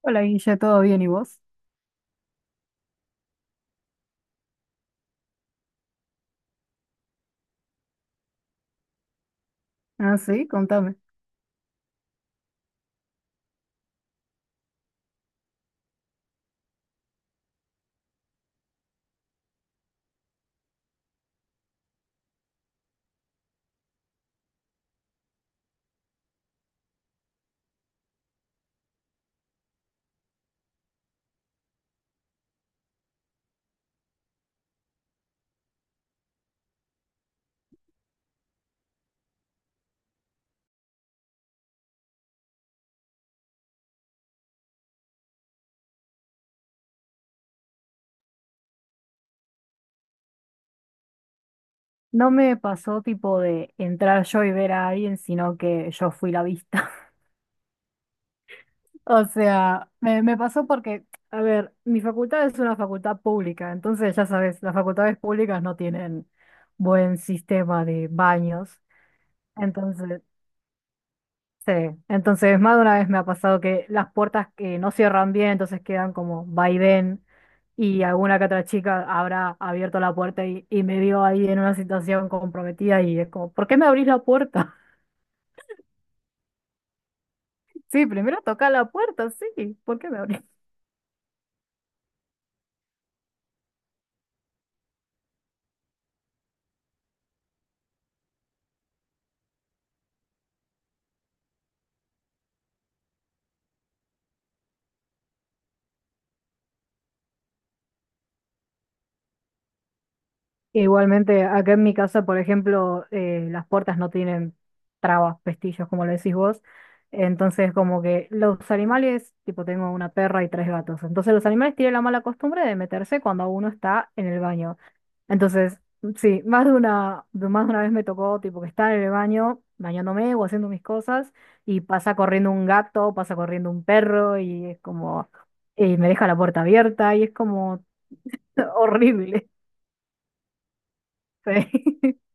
Hola Guille, ¿todo bien y vos? Ah, sí, contame. No me pasó tipo de entrar yo y ver a alguien, sino que yo fui la vista. O sea, me pasó porque, a ver, mi facultad es una facultad pública, entonces ya sabes, las facultades públicas no tienen buen sistema de baños. Entonces, sí, entonces más de una vez me ha pasado que las puertas que no cierran bien, entonces quedan como va y ven, y alguna que otra chica habrá abierto la puerta y me vio ahí en una situación comprometida y es como, ¿por qué me abrís la puerta? Sí, primero toca la puerta, sí, ¿por qué me abrís? Igualmente, acá en mi casa, por ejemplo, las puertas no tienen trabas, pestillos, como le decís vos. Entonces, como que los animales, tipo, tengo una perra y tres gatos. Entonces, los animales tienen la mala costumbre de meterse cuando uno está en el baño. Entonces, sí, más de una vez me tocó, tipo, que estar en el baño, bañándome o haciendo mis cosas, y pasa corriendo un gato, pasa corriendo un perro, y es como, y me deja la puerta abierta, y es como horrible. Sí.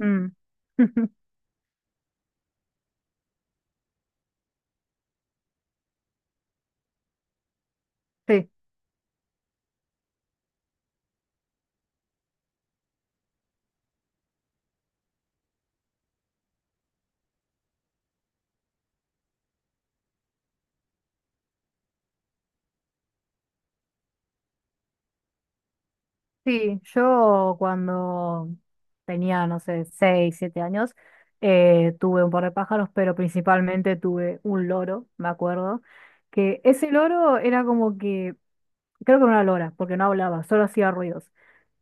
Mm. Sí, sí, yo cuando tenía, no sé, 6, 7 años, tuve un par de pájaros, pero principalmente tuve un loro, me acuerdo, que ese loro era como que, creo que era una lora, porque no hablaba, solo hacía ruidos.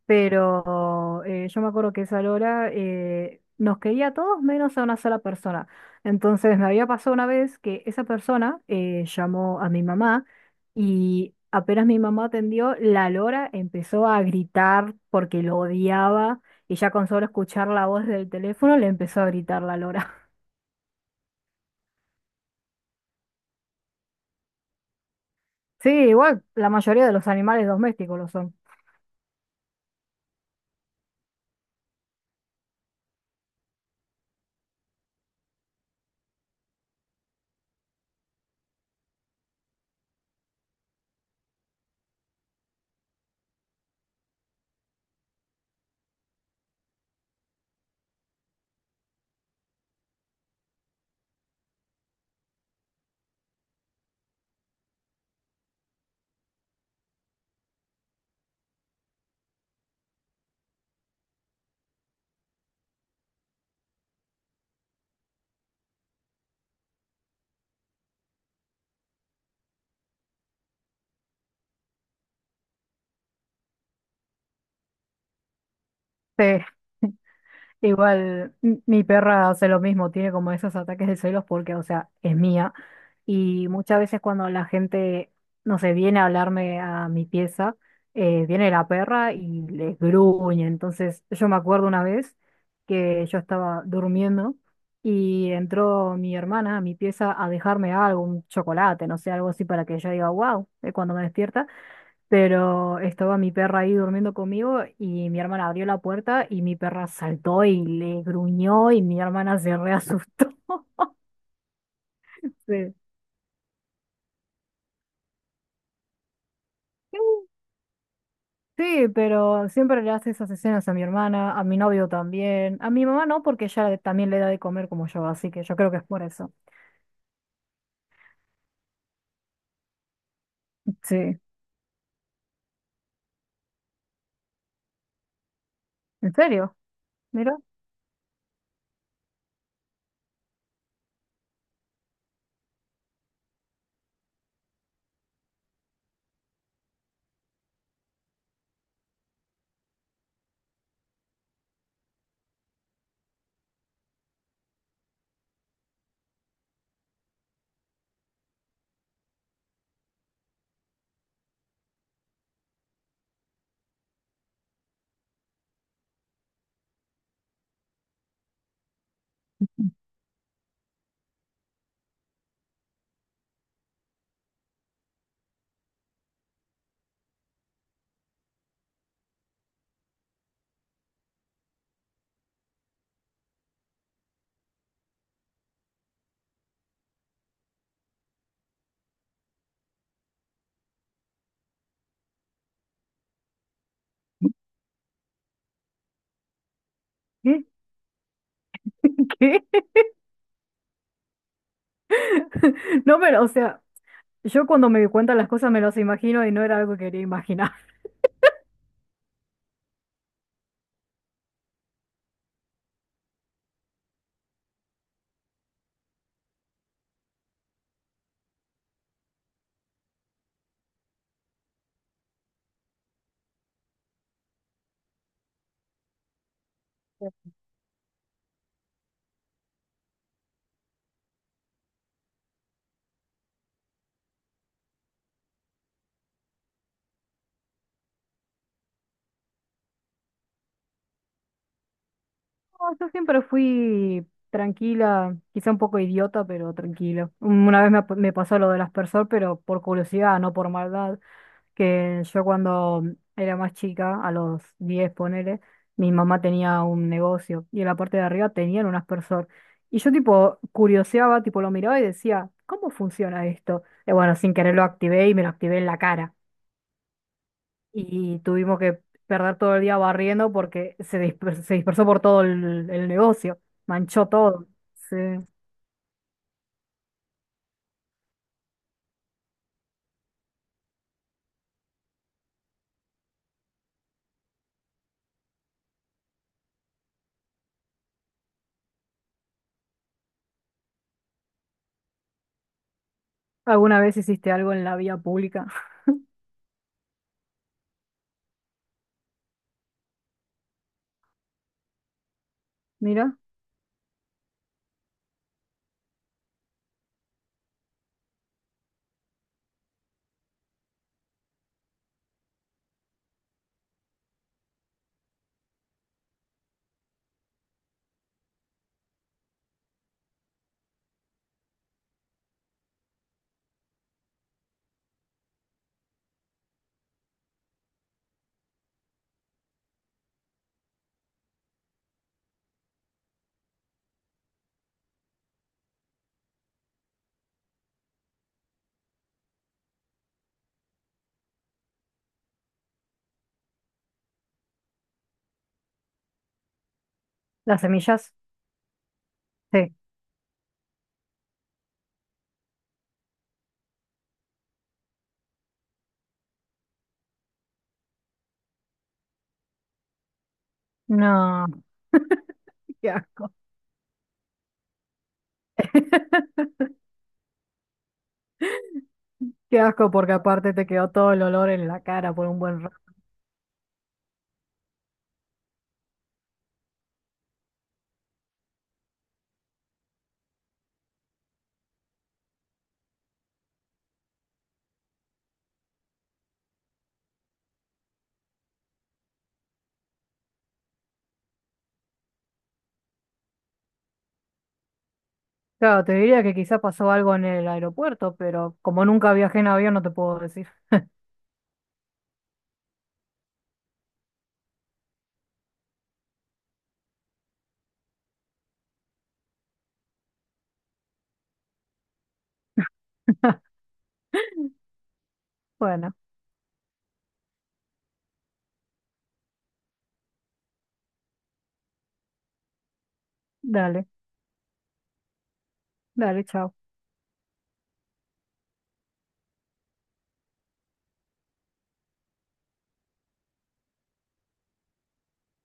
Pero yo me acuerdo que esa Lora nos quería a todos menos a una sola persona. Entonces me había pasado una vez que esa persona llamó a mi mamá y apenas mi mamá atendió, la Lora empezó a gritar porque lo odiaba y ya con solo escuchar la voz del teléfono le empezó a gritar la Lora. Sí, igual la mayoría de los animales domésticos lo son. Sí. Igual, mi perra hace lo mismo, tiene como esos ataques de celos porque, o sea, es mía. Y muchas veces cuando la gente, no sé, viene a hablarme a mi pieza, viene la perra y les gruñe. Entonces, yo me acuerdo una vez que yo estaba durmiendo y entró mi hermana a mi pieza a dejarme algo, un chocolate, no sé, algo así para que yo diga, wow, cuando me despierta pero estaba mi perra ahí durmiendo conmigo y mi hermana abrió la puerta y mi perra saltó y le gruñó y mi hermana se reasustó. Sí. Sí, pero siempre le hace esas escenas a mi hermana, a mi novio también, a mi mamá no, porque ella también le da de comer como yo, así que yo creo que es por eso. Sí, ¿en serio? Mira, ¿qué? ¿Qué? No, pero, o sea, yo cuando me cuentan las cosas me las imagino y no era algo que quería imaginar. No, yo siempre fui tranquila, quizá un poco idiota, pero tranquila. Una vez me pasó lo del aspersor, pero por curiosidad, no por maldad, que yo cuando era más chica, a los 10 ponele, mi mamá tenía un negocio y en la parte de arriba tenían un aspersor. Y yo tipo curioseaba, tipo lo miraba y decía, ¿cómo funciona esto? Y bueno, sin querer lo activé y me lo activé en la cara y tuvimos que perder todo el día barriendo porque se dispersó por todo el negocio, manchó todo. Sí. ¿Alguna vez hiciste algo en la vía pública? Mira, las semillas. Sí. No, qué asco. Qué asco porque aparte te quedó todo el olor en la cara por un buen rato. Claro, te diría que quizás pasó algo en el aeropuerto, pero como nunca viajé en avión no te puedo decir. Bueno, dale, dale, chao.